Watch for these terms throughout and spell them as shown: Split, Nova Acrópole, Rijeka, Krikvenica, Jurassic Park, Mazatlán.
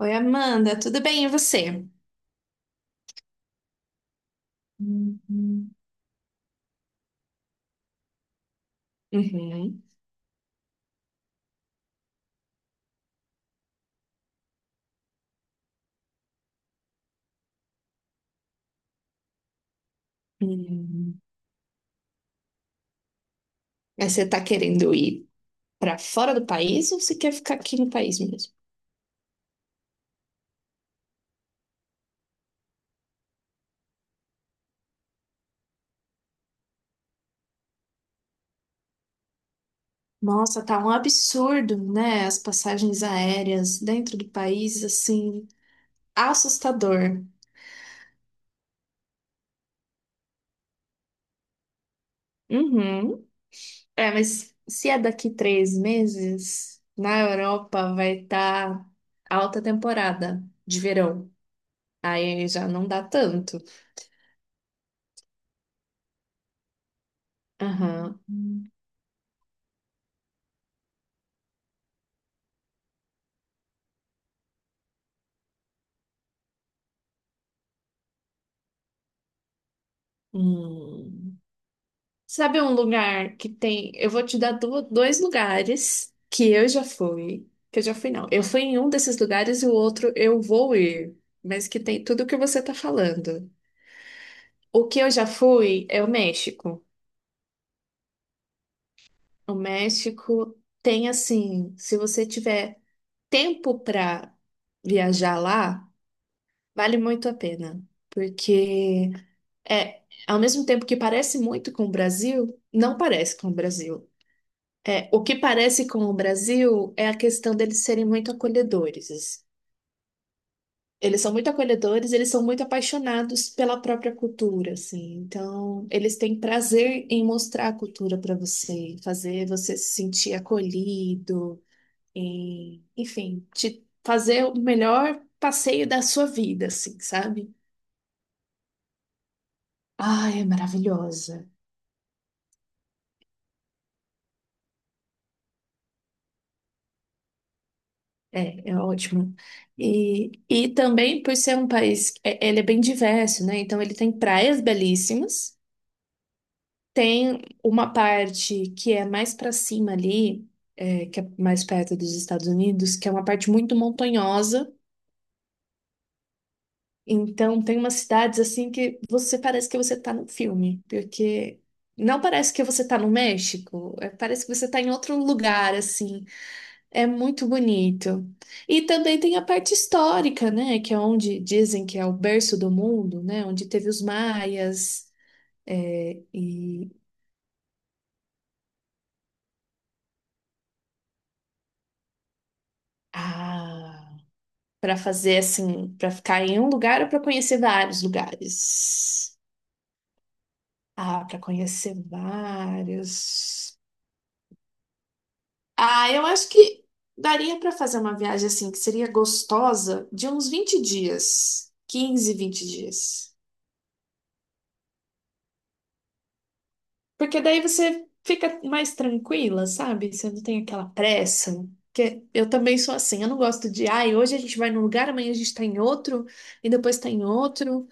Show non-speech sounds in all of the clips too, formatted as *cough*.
Oi, Amanda, tudo bem? E você? Uhum. Uhum. Uhum. Mas você tá querendo ir pra fora do país ou você quer ficar aqui no país mesmo? Nossa, tá um absurdo, né? As passagens aéreas dentro do país, assim, assustador. Uhum. É, mas se é daqui 3 meses, na Europa vai estar alta temporada de verão. Aí já não dá tanto. Aham. Hum. Sabe um lugar que tem. Eu vou te dar dois lugares que eu já fui. Que eu já fui, não. Eu fui em um desses lugares e o outro eu vou ir. Mas que tem tudo o que você tá falando. O que eu já fui é o México. O México tem assim, se você tiver tempo para viajar lá, vale muito a pena. Porque é, ao mesmo tempo que parece muito com o Brasil, não parece com o Brasil. É, o que parece com o Brasil é a questão deles serem muito acolhedores. Eles são muito acolhedores, eles são muito apaixonados pela própria cultura, assim. Então, eles têm prazer em mostrar a cultura para você, fazer você se sentir acolhido, em, enfim, te fazer o melhor passeio da sua vida, assim, sabe? Ai, é maravilhosa. É, é ótimo. E também por ser um país, ele é bem diverso, né? Então ele tem praias belíssimas, tem uma parte que é mais para cima ali, é, que é mais perto dos Estados Unidos, que é uma parte muito montanhosa. Então tem umas cidades assim que você parece que você tá no filme, porque não parece que você tá no México, é, parece que você tá em outro lugar assim. É muito bonito. E também tem a parte histórica, né? Que é onde dizem que é o berço do mundo, né? Onde teve os maias. É, e ah, para fazer assim, para ficar em um lugar ou para conhecer vários lugares? Ah, para conhecer vários. Ah, eu acho que daria para fazer uma viagem assim que seria gostosa de uns 20 dias, 15 20 dias. Porque daí você fica mais tranquila, sabe? Você não tem aquela pressa. Porque eu também sou assim, eu não gosto de, ai, hoje a gente vai num lugar, amanhã a gente tá em outro, e depois tá em outro.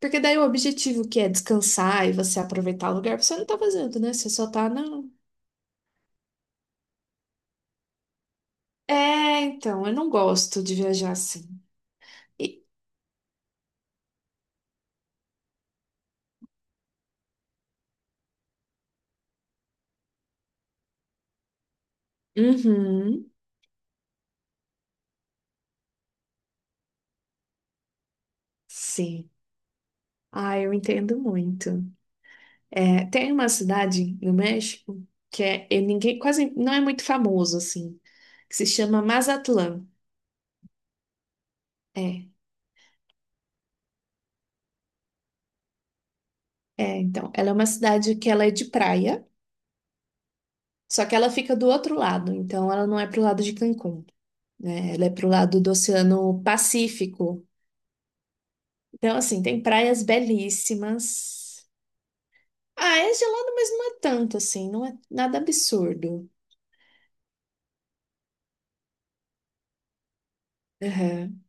Porque daí o objetivo que é descansar e você aproveitar o lugar, você não tá fazendo, né? Você só tá na. É, então, eu não gosto de viajar assim. E- Uhum, sim. Ah, eu entendo muito. É, tem uma cidade no México que é, e ninguém quase não é muito famoso assim. Que se chama Mazatlán. É, é, então, ela é uma cidade que ela é de praia, só que ela fica do outro lado, então ela não é pro lado de Cancún, né? Ela é pro lado do Oceano Pacífico. Então, assim, tem praias belíssimas. Ah, é gelado, mas não é tanto assim, não é nada absurdo. Aham.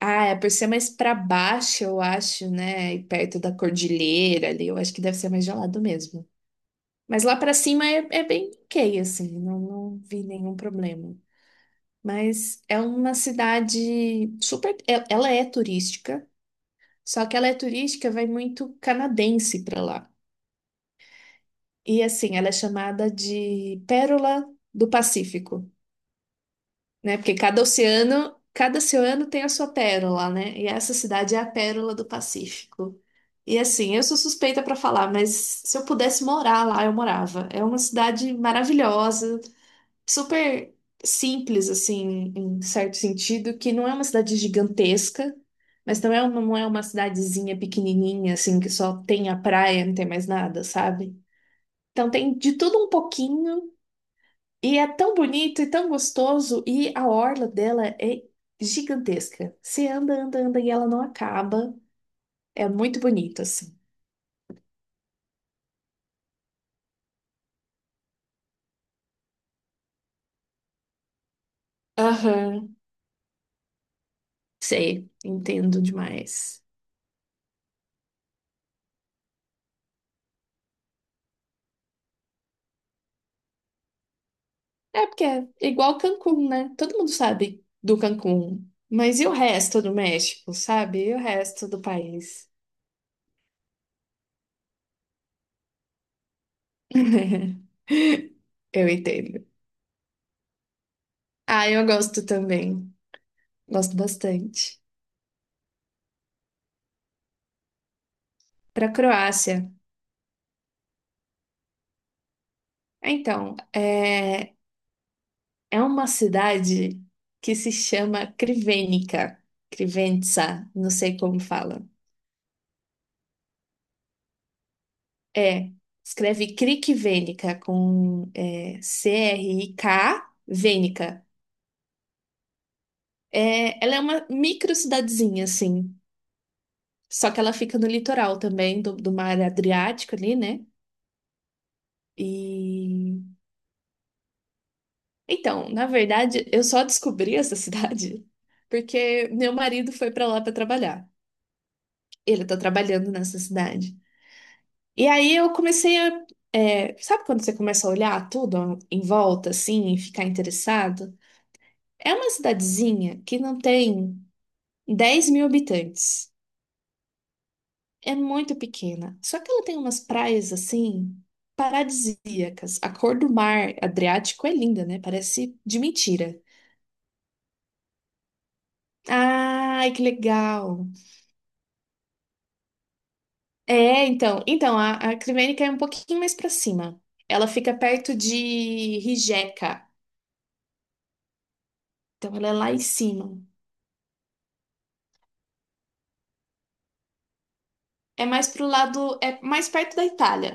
Ah, é por ser mais pra baixo, eu acho, né? E perto da cordilheira ali, eu acho que deve ser mais gelado mesmo. Mas lá pra cima é, é bem ok, assim, não, não vi nenhum problema. Mas é uma cidade super. Ela é turística, só que ela é turística, vai muito canadense para lá. E assim, ela é chamada de Pérola do Pacífico, né? Porque cada oceano tem a sua pérola, né? E essa cidade é a Pérola do Pacífico. E assim, eu sou suspeita para falar, mas se eu pudesse morar lá, eu morava. É uma cidade maravilhosa, super simples, assim, em certo sentido, que não é uma cidade gigantesca, mas não é uma cidadezinha pequenininha, assim, que só tem a praia, não tem mais nada, sabe? Então tem de tudo um pouquinho, e é tão bonito e tão gostoso, e a orla dela é gigantesca. Você anda, anda, anda, e ela não acaba. É muito bonito, assim. Aham, sei, entendo demais. É porque é igual Cancún, né? Todo mundo sabe do Cancún. Mas e o resto do México, sabe? E o resto do país? *laughs* Eu entendo. Ah, eu gosto também. Gosto bastante. Para Croácia. Então, é, é uma cidade que se chama Krivenica. Krivenica, não sei como fala. É, escreve Krikvenica com é, CRIK, Venica. É, ela é uma micro cidadezinha, assim. Só que ela fica no litoral também, do mar Adriático ali, né? E. Então, na verdade, eu só descobri essa *laughs* cidade porque meu marido foi pra lá pra trabalhar. Ele tá trabalhando nessa cidade. E aí eu comecei a. É, sabe quando você começa a olhar tudo em volta, assim, e ficar interessado? É uma cidadezinha que não tem 10 mil habitantes. É muito pequena. Só que ela tem umas praias assim paradisíacas. A cor do mar Adriático é linda, né? Parece de mentira. Ai, que legal. É, então, então a Crivênica é um pouquinho mais pra cima. Ela fica perto de Rijeka. Então ela é lá em cima. É mais pro lado, é mais perto da Itália.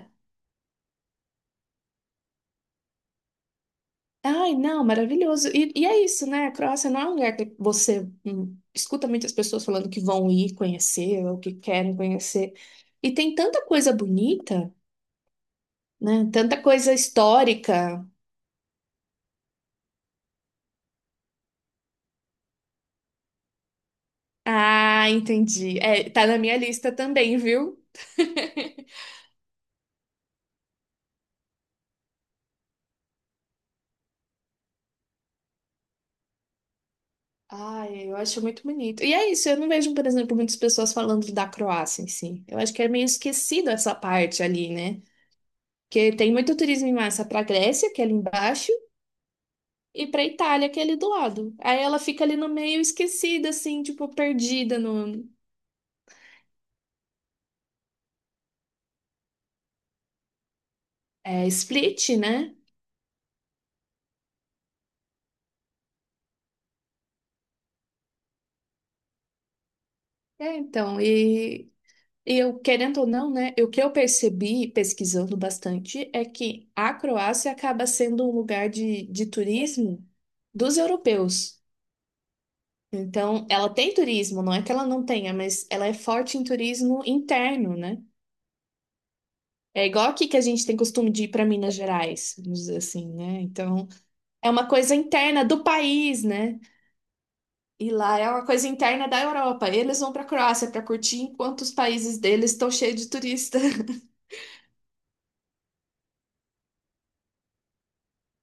Ai, não, maravilhoso. E é isso, né? A Croácia não é um lugar que você escuta muitas pessoas falando que vão ir conhecer ou que querem conhecer. E tem tanta coisa bonita, né? Tanta coisa histórica. Ah, entendi. É, tá na minha lista também, viu? *laughs* Ai, eu acho muito bonito. E é isso, eu não vejo, por exemplo, muitas pessoas falando da Croácia em si. Eu acho que é meio esquecido essa parte ali, né? Porque tem muito turismo em massa para a Grécia, que é ali embaixo. E pra Itália, que é ali do lado. Aí ela fica ali no meio esquecida, assim, tipo, perdida no é, Split, né? É, então, e eu, querendo ou não, né? O que eu percebi pesquisando bastante é que a Croácia acaba sendo um lugar de turismo dos europeus. Então, ela tem turismo, não é que ela não tenha, mas ela é forte em turismo interno, né? É igual aqui que a gente tem costume de ir para Minas Gerais, vamos dizer assim, né? Então. É uma coisa interna do país, né? E lá é uma coisa interna da Europa. Eles vão para a Croácia para curtir, enquanto os países deles estão cheios de turista. *laughs*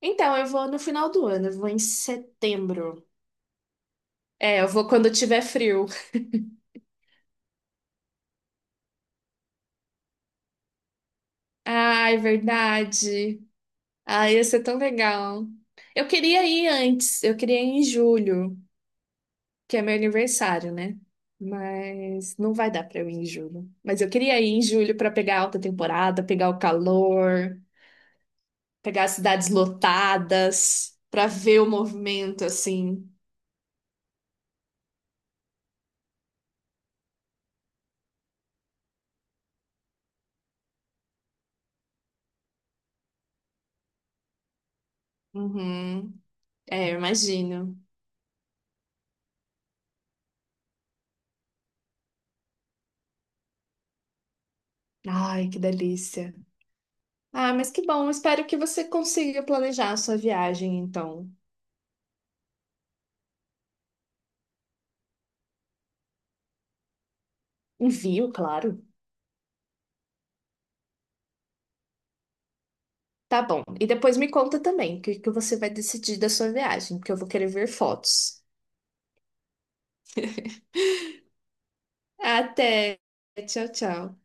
Então, eu vou no final do ano, eu vou em setembro. É, eu vou quando tiver frio. Ai, verdade. Ai, ia ser tão legal. Eu queria ir antes, eu queria ir em julho, que é meu aniversário, né? Mas não vai dar para eu ir em julho. Mas eu queria ir em julho para pegar a alta temporada, pegar o calor. Pegar as cidades lotadas pra ver o movimento assim. Uhum. É, eu imagino. Ai, que delícia. Ah, mas que bom. Espero que você consiga planejar a sua viagem, então. Envio, claro. Tá bom. E depois me conta também o que que você vai decidir da sua viagem, porque eu vou querer ver fotos. Até. Tchau, tchau.